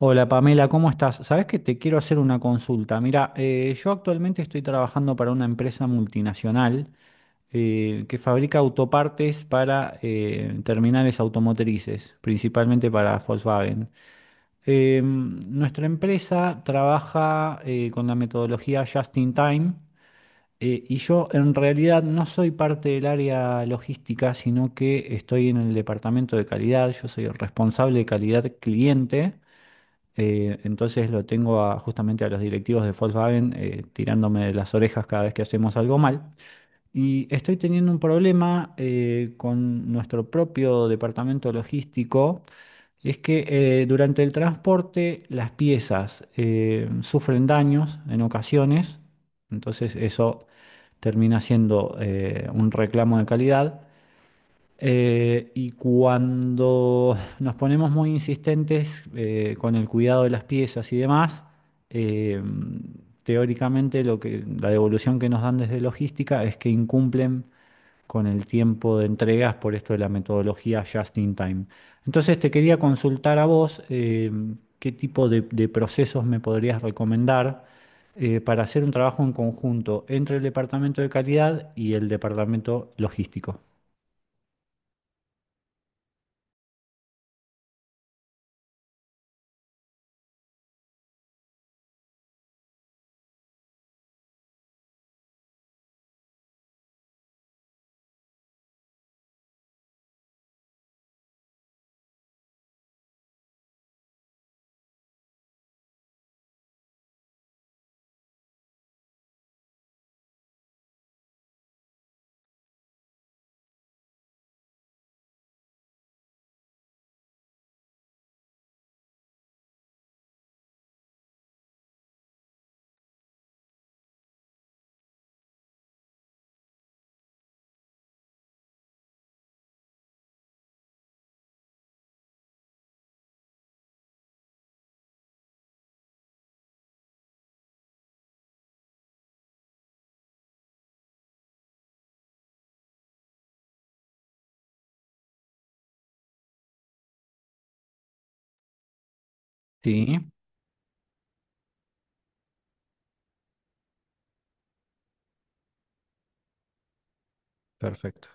Hola Pamela, ¿cómo estás? Sabes que te quiero hacer una consulta. Mira, yo actualmente estoy trabajando para una empresa multinacional que fabrica autopartes para terminales automotrices, principalmente para Volkswagen. Nuestra empresa trabaja con la metodología Just in Time y yo en realidad no soy parte del área logística, sino que estoy en el departamento de calidad. Yo soy el responsable de calidad cliente. Entonces lo tengo justamente a los directivos de Volkswagen tirándome de las orejas cada vez que hacemos algo mal. Y estoy teniendo un problema con nuestro propio departamento logístico. Es que durante el transporte las piezas sufren daños en ocasiones, entonces eso termina siendo un reclamo de calidad. Y cuando nos ponemos muy insistentes con el cuidado de las piezas y demás, eh, teóricamente la devolución que nos dan desde logística es que incumplen con el tiempo de entregas por esto de la metodología just in time. Entonces te quería consultar a vos, qué tipo de procesos me podrías recomendar para hacer un trabajo en conjunto entre el departamento de calidad y el departamento logístico. Sí. Perfecto.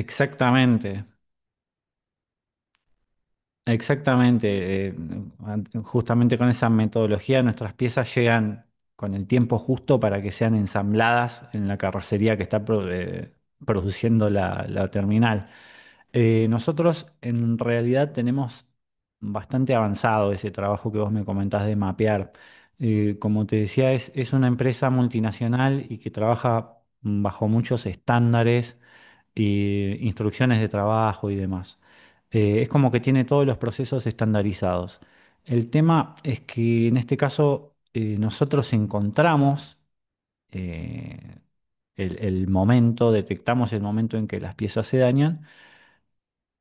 Exactamente, exactamente. Justamente con esa metodología nuestras piezas llegan con el tiempo justo para que sean ensambladas en la carrocería que está produciendo la terminal. Nosotros en realidad tenemos bastante avanzado ese trabajo que vos me comentás de mapear. Como te decía, es una empresa multinacional y que trabaja bajo muchos estándares y instrucciones de trabajo y demás. Es como que tiene todos los procesos estandarizados. El tema es que en este caso nosotros encontramos, eh, el momento, detectamos el momento en que las piezas se dañan,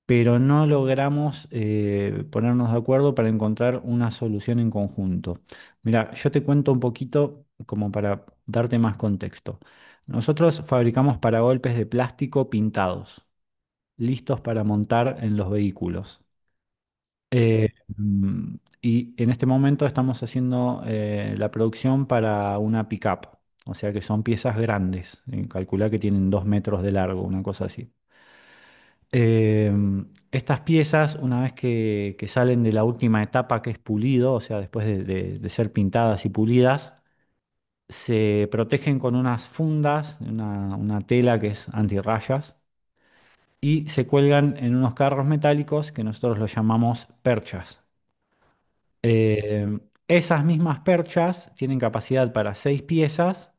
pero no logramos ponernos de acuerdo para encontrar una solución en conjunto. Mira, yo te cuento un poquito como para darte más contexto. Nosotros fabricamos paragolpes de plástico pintados listos para montar en los vehículos. Eh, mm, y en este momento estamos haciendo la producción para una pickup, o sea que son piezas grandes. Calculá que tienen 2 metros de largo, una cosa así. Eh, Estas piezas, una vez que salen de la última etapa, que es pulido, o sea, después de, de ser pintadas y pulidas, se protegen con unas fundas, una tela que es antirrayas, y se cuelgan en unos carros metálicos que nosotros los llamamos perchas. Eh, Esas mismas perchas tienen capacidad para 6 piezas,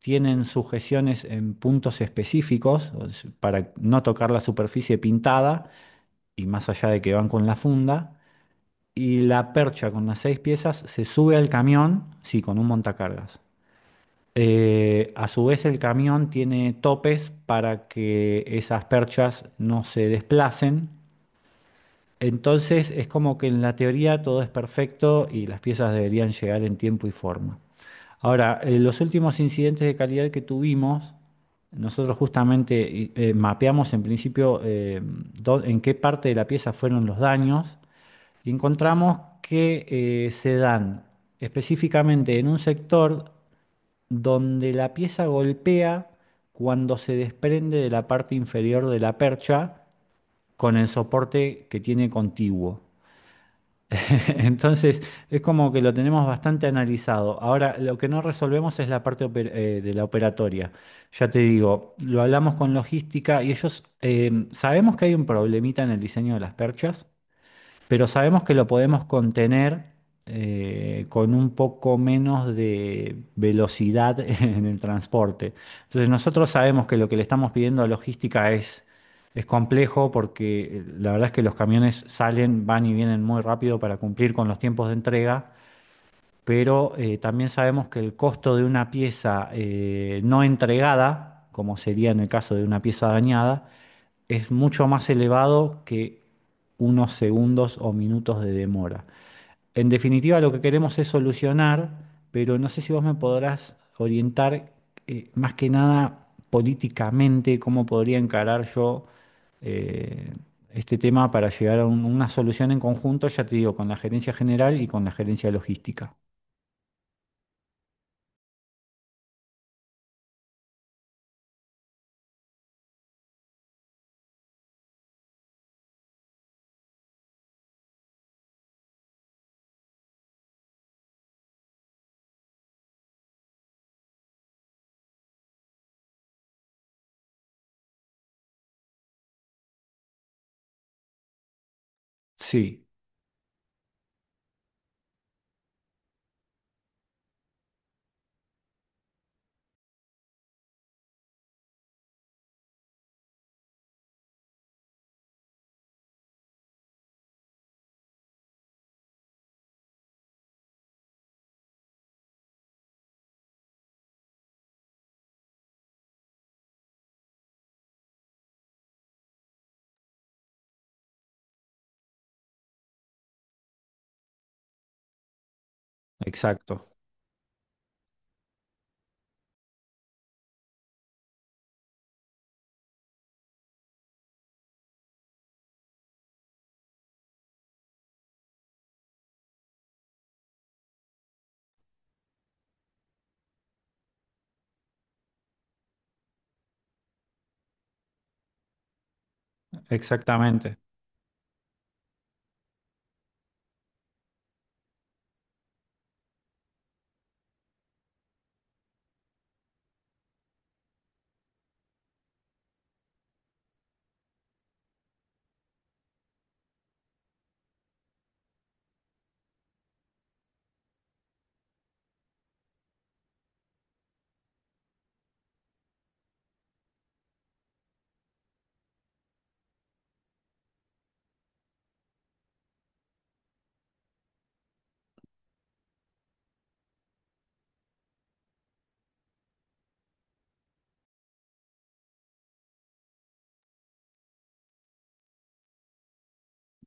tienen sujeciones en puntos específicos para no tocar la superficie pintada, y más allá de que van con la funda. Y la percha con las 6 piezas se sube al camión, sí, con un montacargas. A su vez, el camión tiene topes para que esas perchas no se desplacen. Entonces es como que en la teoría todo es perfecto y las piezas deberían llegar en tiempo y forma. Ahora, los últimos incidentes de calidad que tuvimos, nosotros justamente mapeamos en principio, en qué parte de la pieza fueron los daños, y encontramos que se dan específicamente en un sector donde la pieza golpea cuando se desprende de la parte inferior de la percha con el soporte que tiene contiguo. Entonces, es como que lo tenemos bastante analizado. Ahora, lo que no resolvemos es la parte de la operatoria. Ya te digo, lo hablamos con logística y ellos, sabemos que hay un problemita en el diseño de las perchas, pero sabemos que lo podemos contener con un poco menos de velocidad en el transporte. Entonces nosotros sabemos que lo que le estamos pidiendo a logística es complejo, porque la verdad es que los camiones salen, van y vienen muy rápido para cumplir con los tiempos de entrega. Pero también sabemos que el costo de una pieza no entregada, como sería en el caso de una pieza dañada, es mucho más elevado que unos segundos o minutos de demora. En definitiva, lo que queremos es solucionar, pero no sé si vos me podrás orientar más que nada políticamente cómo podría encarar yo eh, este tema para llegar a una solución en conjunto, ya te digo, con la gerencia general y con la gerencia logística. Sí, exacto, exactamente.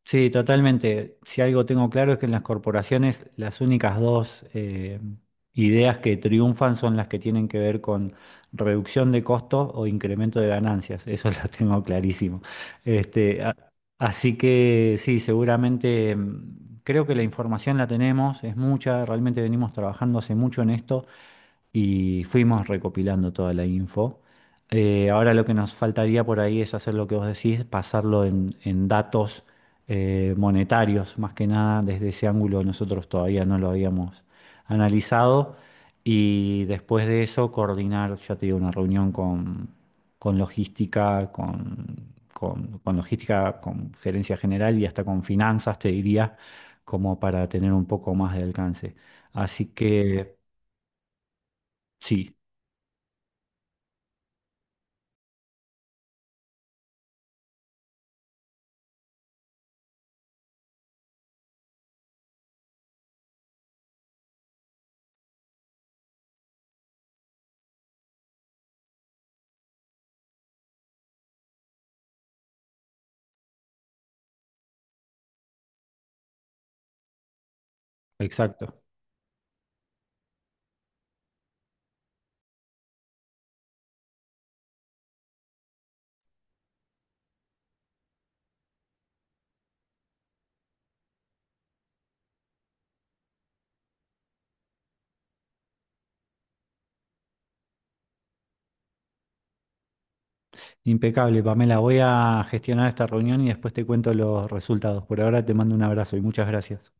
Sí, totalmente. Si algo tengo claro es que en las corporaciones las únicas dos ideas que triunfan son las que tienen que ver con reducción de costos o incremento de ganancias. Eso lo tengo clarísimo. Este, a- Así que sí, seguramente, creo que la información la tenemos, es mucha, realmente venimos trabajando hace mucho en esto y fuimos recopilando toda la info. Ahora lo que nos faltaría por ahí es hacer lo que vos decís, pasarlo en datos monetarios. Más que nada desde ese ángulo nosotros todavía no lo habíamos analizado, y después de eso coordinar, ya te digo, una reunión con logística, con, con logística, con gerencia general y hasta con finanzas, te diría, como para tener un poco más de alcance. Así que sí. Exacto. Impecable, Pamela. Voy a gestionar esta reunión y después te cuento los resultados. Por ahora te mando un abrazo y muchas gracias.